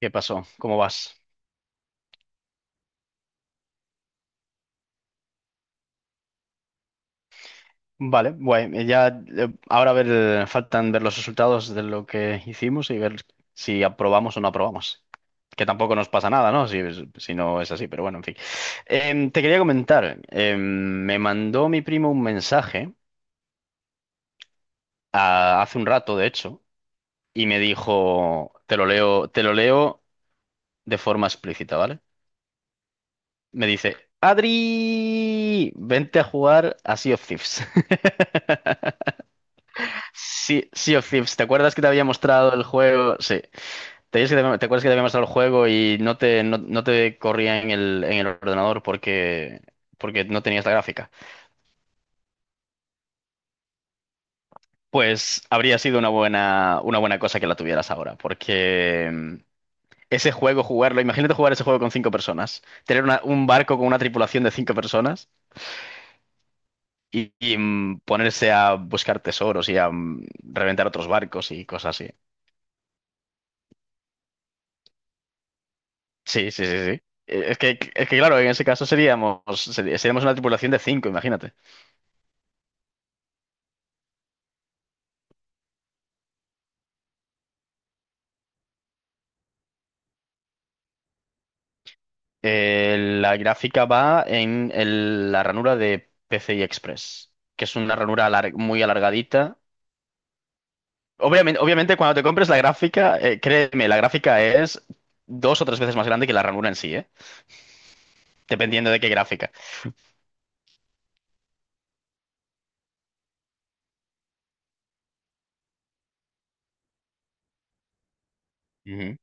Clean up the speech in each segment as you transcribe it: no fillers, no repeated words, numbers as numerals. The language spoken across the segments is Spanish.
¿Qué pasó? ¿Cómo vas? Vale, guay. Ya, Ahora a ver, faltan ver los resultados de lo que hicimos y ver si aprobamos o no aprobamos. Que tampoco nos pasa nada, ¿no? Si, si no es así, pero bueno, en fin. Te quería comentar, me mandó mi primo un mensaje hace un rato, de hecho, y me dijo, te lo leo de forma explícita, ¿vale? Me dice, Adri, vente a jugar a Sea of Thieves. Sí, Sea of Thieves, ¿te acuerdas que te había mostrado el juego? Sí, ¿te, acuerdas que te acuerdas que te había mostrado el juego y no te, no, no te corría en el ordenador porque, porque no tenías la gráfica? Pues habría sido una buena cosa que la tuvieras ahora, porque ese juego, jugarlo, imagínate jugar ese juego con cinco personas, tener un barco con una tripulación de cinco personas y, ponerse a buscar tesoros y a reventar otros barcos y cosas. Sí, sí, sí, sí. Es que claro, en ese caso seríamos, seríamos una tripulación de cinco, imagínate. La gráfica va en la ranura de PCI Express, que es una ranura muy alargadita. Obviamente, obviamente, cuando te compres la gráfica, créeme, la gráfica es dos o tres veces más grande que la ranura en sí, ¿eh? Dependiendo de qué gráfica. Ujú.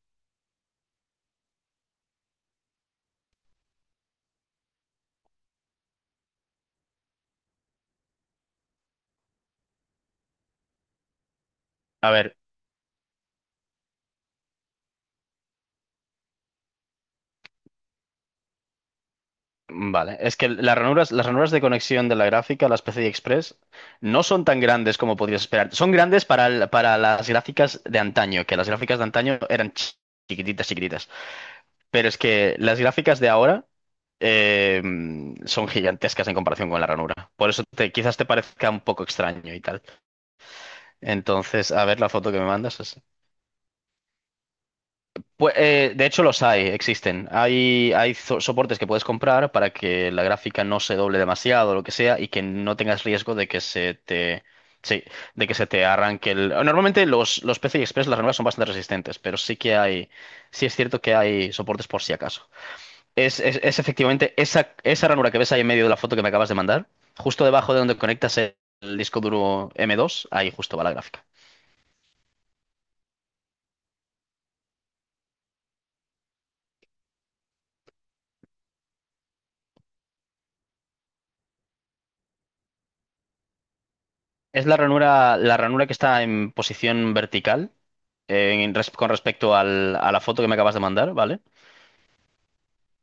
A ver. Vale, es que las ranuras de conexión de la gráfica, las PCI Express, no son tan grandes como podrías esperar. Son grandes para, para las gráficas de antaño, que las gráficas de antaño eran chiquititas, chiquititas. Pero es que las gráficas de ahora eh, son gigantescas en comparación con la ranura. Por eso te, quizás te parezca un poco extraño y tal. Entonces, a ver la foto que me mandas. Pues, de hecho los hay, existen. Hay soportes que puedes comprar para que la gráfica no se doble demasiado o lo que sea y que no tengas riesgo de que se te, sí, de que se te arranque el... Normalmente los PCI Express, las ranuras son bastante resistentes, pero sí que hay, sí es cierto que hay soportes por si acaso. Es efectivamente esa, esa ranura que ves ahí en medio de la foto que me acabas de mandar, justo debajo de donde conectas el disco duro M2, ahí justo va la gráfica. Es la ranura que está en posición vertical en con respecto a la foto que me acabas de mandar, ¿vale?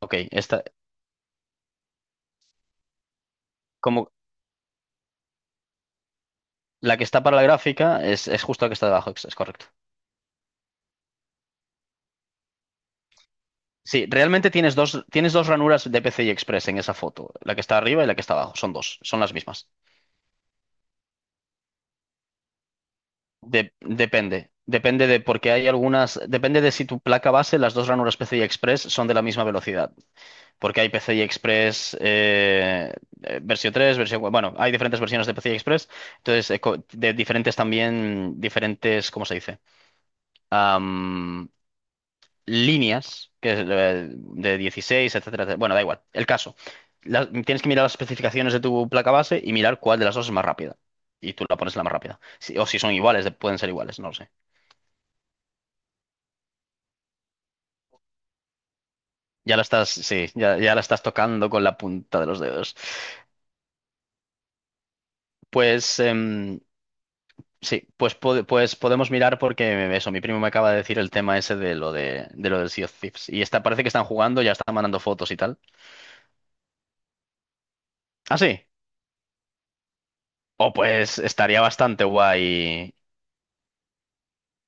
Ok, esta, como la que está para la gráfica es justo la que está debajo, es correcto. Sí, realmente tienes dos ranuras de PCI Express en esa foto, la que está arriba y la que está abajo, son dos, son las mismas. Depende, depende de porque hay algunas, depende de si tu placa base, las dos ranuras PCI Express son de la misma velocidad. Porque hay PCI Express versión 3, versión... cua- Bueno, hay diferentes versiones de PCI Express. Entonces, co- de diferentes también, diferentes, ¿cómo se dice? Am, Líneas que es, de 16, etcétera, etcétera. Bueno, da igual. El caso. Tienes que mirar las especificaciones de tu placa base y mirar cuál de las dos es más rápida. Y tú la pones la más rápida. O si son iguales, de- pueden ser iguales, no lo sé. Ya la estás, sí, ya, ya la estás tocando con la punta de los dedos. Pues... em, Sí, pues, pues podemos mirar porque eso, mi primo me acaba de decir el tema ese de lo del Sea of Thieves. Y está, parece que están jugando, ya están mandando fotos y tal. Ah, sí. Oh, pues estaría bastante guay.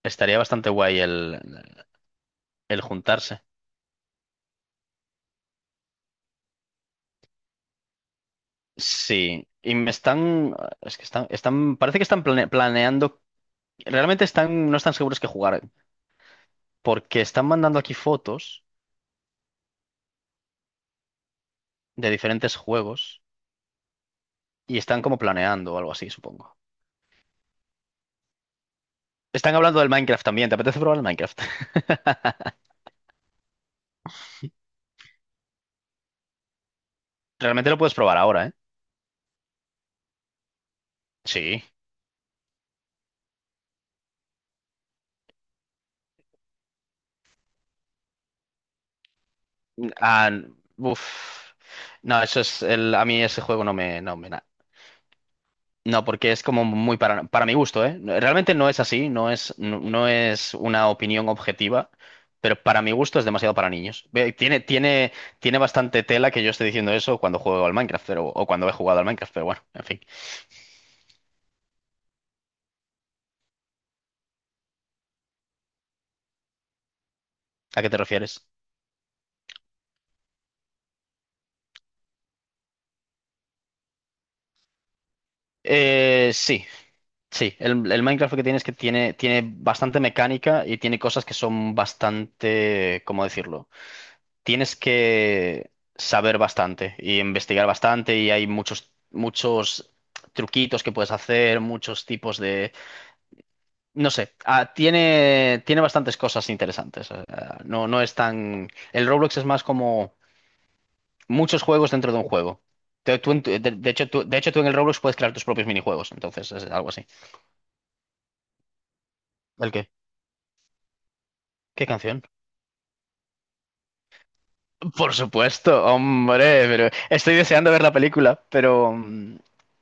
Estaría bastante guay el juntarse. Sí. Y me están. Es que están. Están. Parece que están planeando. Realmente están. No están seguros que jugar. Porque están mandando aquí fotos de diferentes juegos. Y están como planeando o algo así, supongo. Están hablando del Minecraft también. ¿Te apetece probar el Minecraft? Realmente lo puedes probar ahora, ¿eh? Sí. Ah, uf. No, eso es el, a mí ese juego no me, No, porque es como muy para mi gusto, ¿eh? Realmente no es así, no es, no, no es una opinión objetiva, pero para mi gusto es demasiado para niños. Ve, tiene, tiene, tiene bastante tela que yo esté diciendo eso cuando juego al Minecraft, pero, o cuando he jugado al Minecraft, pero bueno, en fin. ¿A qué te refieres? Eh, sí, Sí, el Minecraft que tiene es que tiene, tiene bastante mecánica y tiene cosas que son bastante, ¿cómo decirlo? Tienes que saber bastante y investigar bastante y hay muchos, muchos truquitos que puedes hacer, muchos tipos de... No sé, tiene, tiene bastantes cosas interesantes. Ah, no, no es tan... El Roblox es más como muchos juegos dentro de un juego. De, de hecho, tú en el Roblox puedes crear tus propios minijuegos, entonces es algo así. ¿El qué? ¿Qué canción? Por supuesto, hombre, pero estoy deseando ver la película, pero, mm,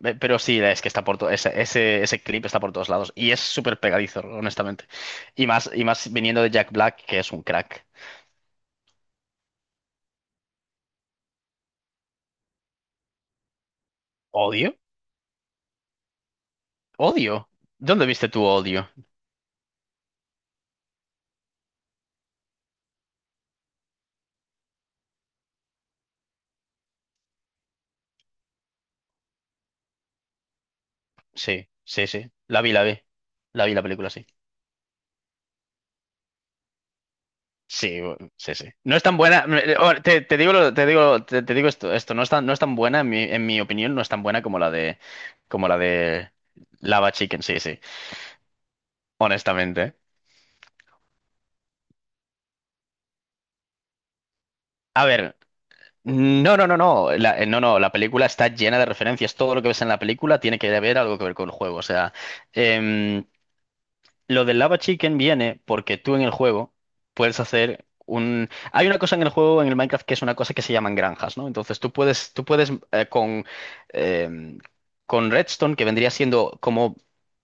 eh, pero sí, es que está por todo, ese clip está por todos lados y es súper pegadizo, honestamente. Y más viniendo de Jack Black, que es un crack. ¿Odio? ¿Odio? ¿Dónde viste tu odio? Sí, sí, sí. La vi, la vi. La vi la película, sí. Sí, bu- sí, sí. No es tan buena. Ahora, te digo, te digo, te digo esto, esto no es tan, no es tan buena, en mi opinión, no es tan buena como la de Lava Chicken, sí, sí. Honestamente. A ver, no, no, no, no, la, no, no, la película está llena de referencias, todo lo que ves en la película tiene que haber algo que ver con el juego, o sea, em, lo del Lava Chicken viene porque tú en el juego puedes hacer un... Hay una cosa en el juego, en el Minecraft, que es una cosa que se llaman granjas, ¿no? Entonces tú puedes con, em, con Redstone, que vendría siendo como,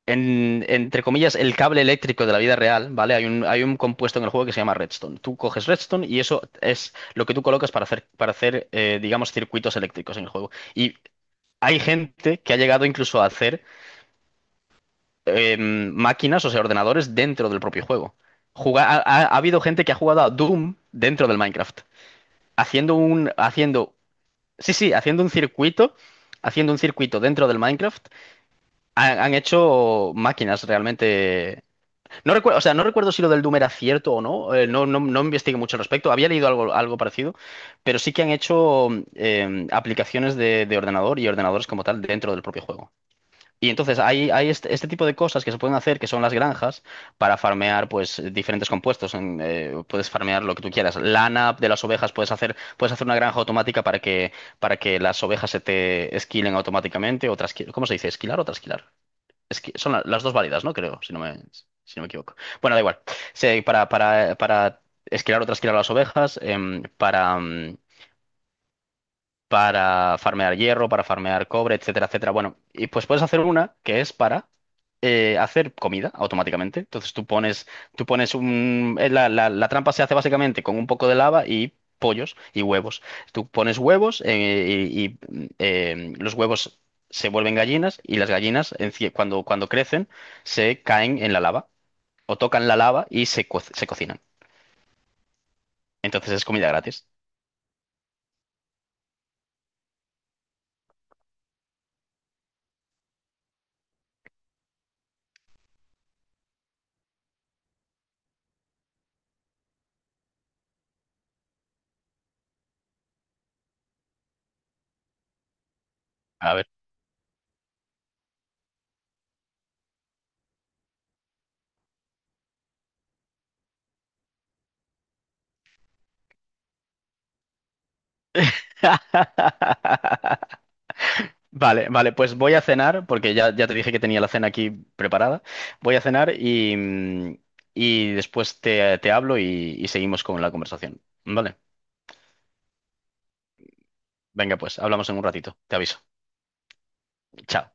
entre comillas, el cable eléctrico de la vida real, ¿vale? Hay un compuesto en el juego que se llama Redstone. Tú coges Redstone y eso es lo que tú colocas para hacer digamos, circuitos eléctricos en el juego. Y hay gente que ha llegado incluso a hacer máquinas, o sea, ordenadores dentro del propio juego. Ha habido gente que ha jugado a Doom dentro del Minecraft, haciendo un, haciendo, sí, sí, haciendo un circuito dentro del Minecraft. Han, han hecho máquinas realmente. No recuerdo, o sea, no recuerdo si lo del Doom era cierto o no. No, no, no investigué mucho al respecto. Había leído algo, algo parecido, pero sí que han hecho aplicaciones de ordenador y ordenadores como tal dentro del propio juego. Y entonces hay este, este tipo de cosas que se pueden hacer, que son las granjas, para farmear pues diferentes compuestos. En, puedes farmear lo que tú quieras. Lana de las ovejas, puedes hacer una granja automática para que las ovejas se te esquilen automáticamente. O trasqui- ¿cómo se dice? ¿Esquilar o trasquilar? Esqui- son las dos válidas, ¿no? Creo, si no me, si no me equivoco. Bueno, da igual. Se- para esquilar o trasquilar a las ovejas, para, para farmear hierro, para farmear cobre, etcétera, etcétera. Bueno, y pues puedes hacer una que es para hacer comida automáticamente. Entonces tú pones un... La, la trampa se hace básicamente con un poco de lava y pollos y huevos. Tú pones huevos los huevos se vuelven gallinas y las gallinas cuando, cuando crecen se caen en la lava o tocan la lava y se, se cocinan. Entonces es comida gratis. A ver. Vale, vale, pues voy a cenar, porque ya, ya te dije que tenía la cena aquí preparada. Voy a cenar y, y después te, te hablo y seguimos con la conversación. Vale, venga, pues hablamos en un ratito. Te aviso. Chao.